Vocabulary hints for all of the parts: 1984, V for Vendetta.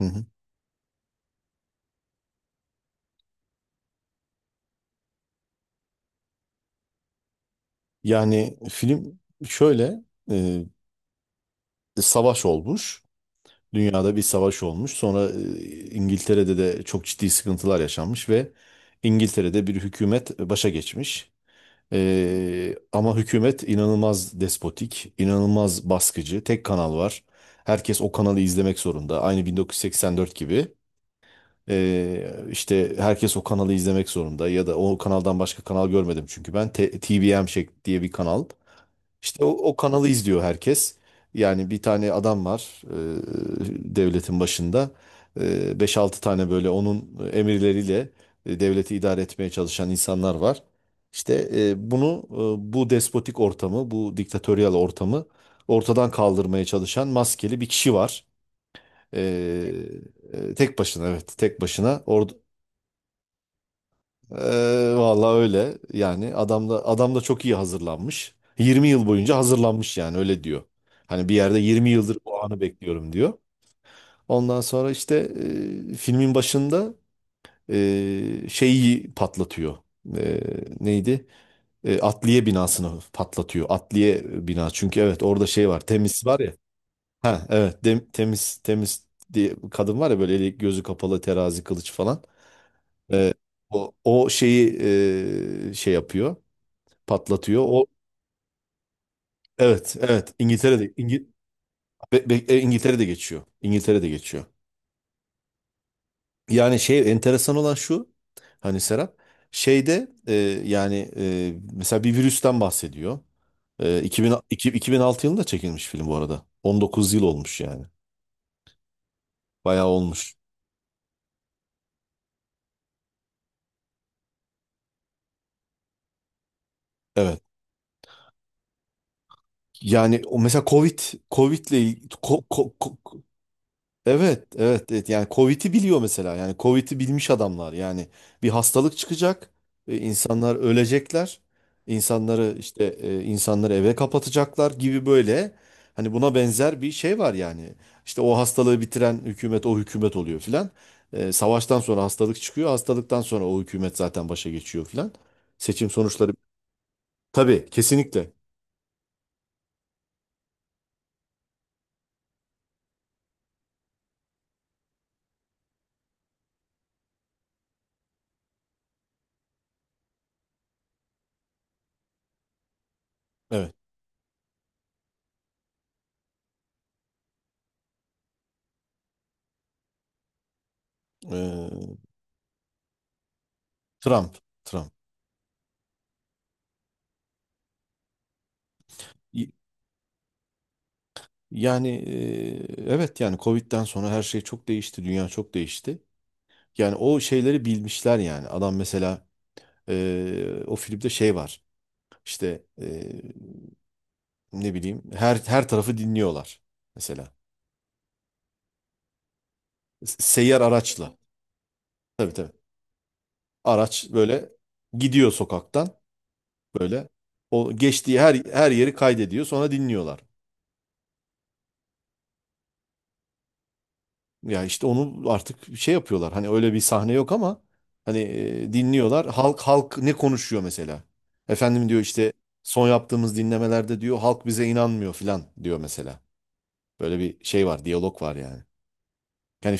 Hı hı. Yani film şöyle e, savaş olmuş. Dünyada bir savaş olmuş. Sonra İngiltere'de de çok ciddi sıkıntılar yaşanmış ve İngiltere'de bir hükümet başa geçmiş. Ama hükümet inanılmaz despotik, inanılmaz baskıcı. Tek kanal var. Herkes o kanalı izlemek zorunda. Aynı 1984 gibi. İşte herkes o kanalı izlemek zorunda ya da o kanaldan başka kanal görmedim çünkü ben TVM şek diye bir kanal. İşte o kanalı izliyor herkes. Yani bir tane adam var devletin başında. 5-6 tane böyle onun emirleriyle devleti idare etmeye çalışan insanlar var. İşte bunu bu despotik ortamı, bu diktatöryal ortamı ortadan kaldırmaya çalışan maskeli bir kişi var. E, Tek başına, evet, tek başına. Vallahi öyle. Yani adam da çok iyi hazırlanmış. 20 yıl boyunca hazırlanmış yani, öyle diyor. Hani bir yerde 20 yıldır bu anı bekliyorum diyor. Ondan sonra işte filmin başında şeyi patlatıyor. E, Neydi? Atliye binasını patlatıyor. Atliye bina. Çünkü evet orada şey var. Temiz var ya. Ha evet, temiz diye bir kadın var ya, böyle eli gözü kapalı, terazi, kılıç falan. E, o şeyi şey yapıyor, patlatıyor. O, evet, evet, İngiltere'de İngi, be- be- e, İngiltere'de geçiyor. İngiltere'de geçiyor. Yani şey, enteresan olan şu, hani Serap şeyde yani mesela bir virüsten bahsediyor. 2006 yılında çekilmiş film bu arada. 19 yıl olmuş yani. Bayağı olmuş. Evet. Yani o mesela Covid Covid'le il- ko, ko- ko- Evet, evet, evet. Yani Covid'i biliyor mesela. Yani Covid'i bilmiş adamlar. Yani bir hastalık çıkacak, insanlar ölecekler, insanları eve kapatacaklar gibi böyle. Hani buna benzer bir şey var yani. İşte o hastalığı bitiren hükümet, o hükümet oluyor filan. Savaştan sonra hastalık çıkıyor, hastalıktan sonra o hükümet zaten başa geçiyor filan. Seçim sonuçları, tabii, kesinlikle. Evet. E, Trump, Trump. Yani evet, yani Covid'den sonra her şey çok değişti. Dünya çok değişti. Yani o şeyleri bilmişler yani. Adam mesela o filmde şey var. İşte ne bileyim, her tarafı dinliyorlar mesela. Seyyar araçla. Tabii, tabii. Araç böyle gidiyor sokaktan, böyle o geçtiği her yeri kaydediyor, sonra dinliyorlar. Ya işte onu artık şey yapıyorlar. Hani öyle bir sahne yok ama hani dinliyorlar. Halk ne konuşuyor mesela? Efendim, diyor işte, son yaptığımız dinlemelerde diyor halk bize inanmıyor filan diyor mesela. Böyle bir şey var, diyalog var yani. Yani,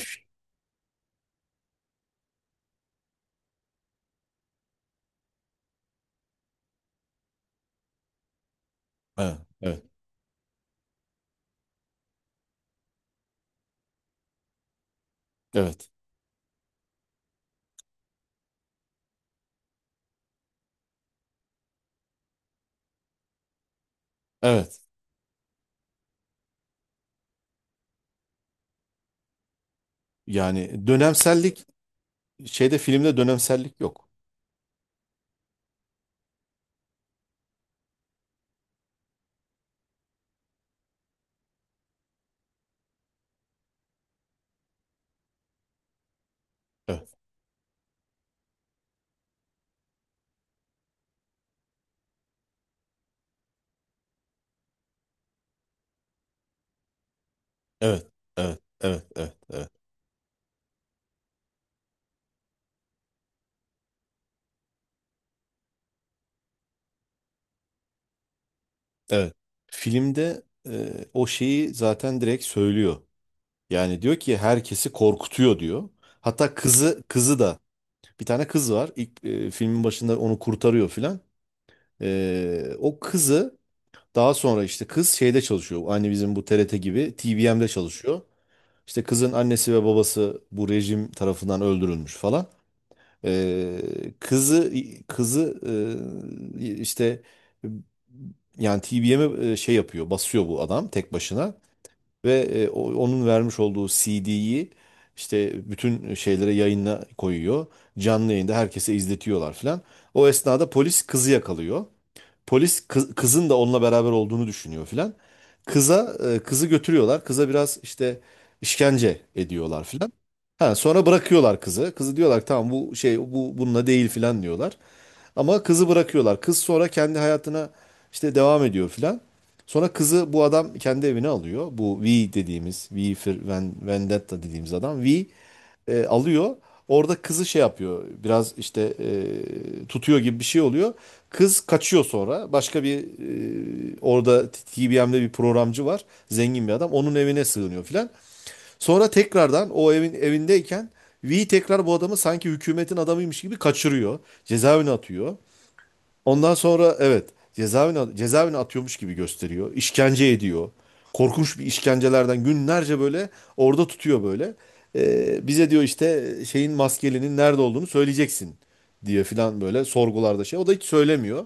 evet, evet, evet. Evet. Yani dönemsellik, şeyde, filmde dönemsellik yok. Evet, evet, evet, evet, evet, evet, evet. Filmde o şeyi zaten direkt söylüyor. Yani diyor ki herkesi korkutuyor diyor. Hatta kızı da, bir tane kız var. İlk filmin başında onu kurtarıyor filan. O kızı daha sonra, işte kız şeyde çalışıyor. Aynı bizim bu TRT gibi TVM'de çalışıyor. İşte kızın annesi ve babası bu rejim tarafından öldürülmüş falan. E, kızı kızı işte, yani TVM'e şey yapıyor, basıyor bu adam tek başına. Ve onun vermiş olduğu CD'yi işte bütün şeylere, yayına koyuyor. Canlı yayında herkese izletiyorlar filan. O esnada polis kızı yakalıyor. Polis kızın da onunla beraber olduğunu düşünüyor filan. Kızı götürüyorlar. Kıza biraz işte işkence ediyorlar filan. Ha, sonra bırakıyorlar kızı. Kızı, diyorlar, tamam bu şey, bu bununla değil filan diyorlar. Ama kızı bırakıyorlar. Kız sonra kendi hayatına işte devam ediyor filan. Sonra kızı bu adam kendi evine alıyor. Bu V dediğimiz, V for Vendetta dediğimiz adam. V alıyor. Orada kızı şey yapıyor. Biraz işte tutuyor gibi bir şey oluyor. Kız kaçıyor sonra. Orada TBM'de bir programcı var. Zengin bir adam. Onun evine sığınıyor filan. Sonra tekrardan o evindeyken V tekrar bu adamı sanki hükümetin adamıymış gibi kaçırıyor. Cezaevine atıyor. Ondan sonra, evet, cezaevine atıyormuş gibi gösteriyor. İşkence ediyor. Korkunç bir işkencelerden günlerce böyle orada tutuyor böyle. Bize diyor işte şeyin, maskelinin nerede olduğunu söyleyeceksin diye filan, böyle sorgularda şey. O da hiç söylemiyor.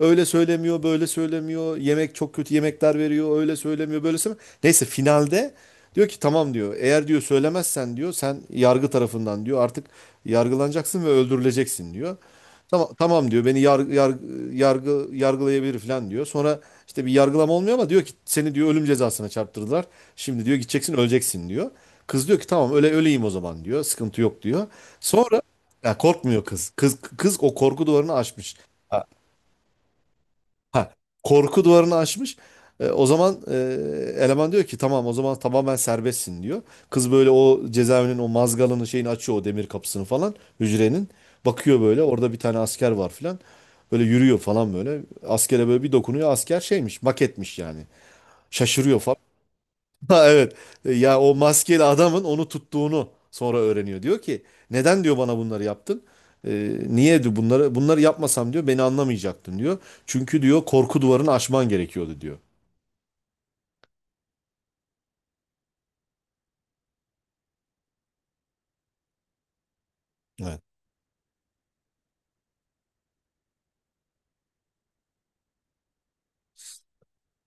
Öyle söylemiyor, böyle söylemiyor. Yemek, çok kötü yemekler veriyor. Öyle söylemiyor, böyle söylemiyor. Neyse finalde diyor ki tamam diyor. Eğer, diyor, söylemezsen diyor, sen yargı tarafından, diyor, artık yargılanacaksın ve öldürüleceksin diyor. Tamam, tamam diyor, beni yargılayabilir falan diyor. Sonra işte bir yargılama olmuyor ama diyor ki seni, diyor, ölüm cezasına çarptırdılar. Şimdi, diyor, gideceksin öleceksin diyor. Kız diyor ki tamam, öyle öleyim o zaman diyor. Sıkıntı yok diyor. Sonra, ya, korkmuyor kız. Kız o korku duvarını aşmış. Ha, korku duvarını açmış. O zaman eleman diyor ki tamam, o zaman tamamen serbestsin diyor. Kız böyle o cezaevinin o mazgalını, şeyini açıyor, o demir kapısını falan, hücrenin. Bakıyor, böyle orada bir tane asker var falan. Böyle yürüyor falan böyle. Askere böyle bir dokunuyor, asker şeymiş, maketmiş yani. Şaşırıyor falan. Ha, evet. Ya o maskeli adamın onu tuttuğunu sonra öğreniyor. Diyor ki, neden, diyor, bana bunları yaptın? Niye, diyor, bunları yapmasam, diyor, beni anlamayacaktın diyor. Çünkü, diyor, korku duvarını aşman gerekiyordu diyor. Evet.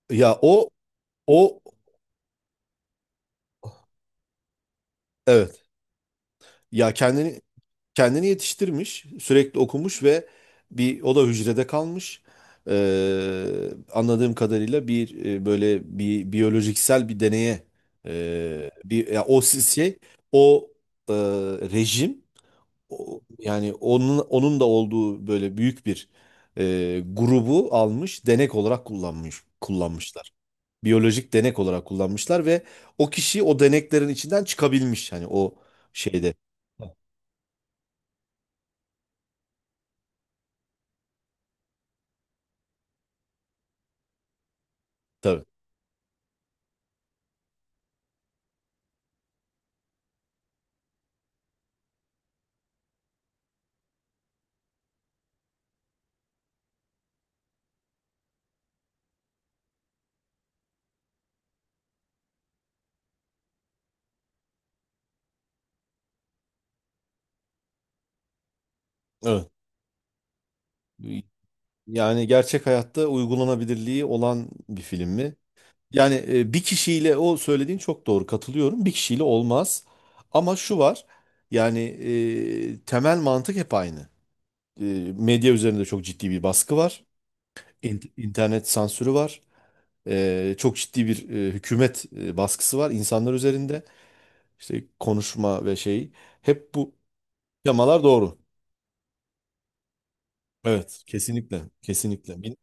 Ya o, evet. Ya kendini yetiştirmiş, sürekli okumuş ve bir o da hücrede kalmış. Anladığım kadarıyla bir böyle bir biyolojiksel bir deneye e, bir ya o si- şey o e, rejim yani onun da olduğu böyle büyük bir grubu almış, denek olarak kullanmışlar. Biyolojik denek olarak kullanmışlar ve o kişi o deneklerin içinden çıkabilmiş, hani o şeyde, tabii. Evet. Yani gerçek hayatta uygulanabilirliği olan bir film mi? Yani bir kişiyle, o söylediğin çok doğru, katılıyorum. Bir kişiyle olmaz. Ama şu var. Yani temel mantık hep aynı. Medya üzerinde çok ciddi bir baskı var. İnternet sansürü var. Çok ciddi bir hükümet baskısı var insanlar üzerinde. İşte konuşma ve şey. Hep bu yamalar doğru. Evet, kesinlikle. Kesinlikle.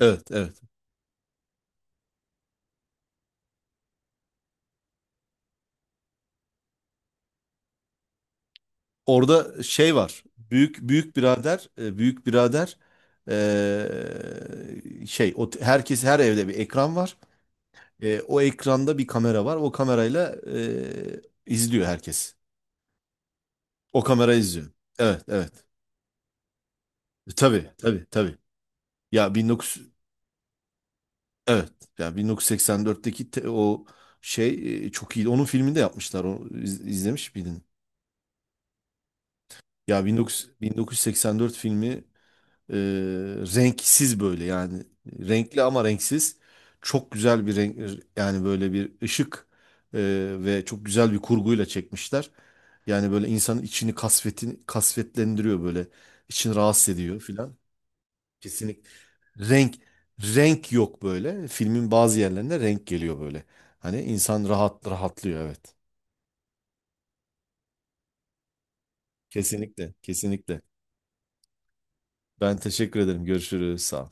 Evet, evet. Orada şey var. Büyük birader, şey, o, herkes, her evde bir ekran var. O ekranda bir kamera var. O kamerayla izliyor herkes. O kamera izliyor. Evet, evet. Tabii, tabii, tabii. Ya 19 Evet. Ya 1984'teki o şey çok iyiydi. Onun filmini de yapmışlar. Onu izlemiş miydin? Ya 19 1984 filmi. Ee, Renksiz böyle, yani renkli ama renksiz, çok güzel bir renk, yani böyle bir ışık e, ve çok güzel bir kurguyla çekmişler. Yani böyle insanın içini kasvetlendiriyor, böyle içini rahatsız ediyor filan. Kesinlikle renk renk yok, böyle filmin bazı yerlerinde renk geliyor böyle. Hani insan rahatlıyor, evet. Kesinlikle, kesinlikle. Ben teşekkür ederim. Görüşürüz. Sağ ol.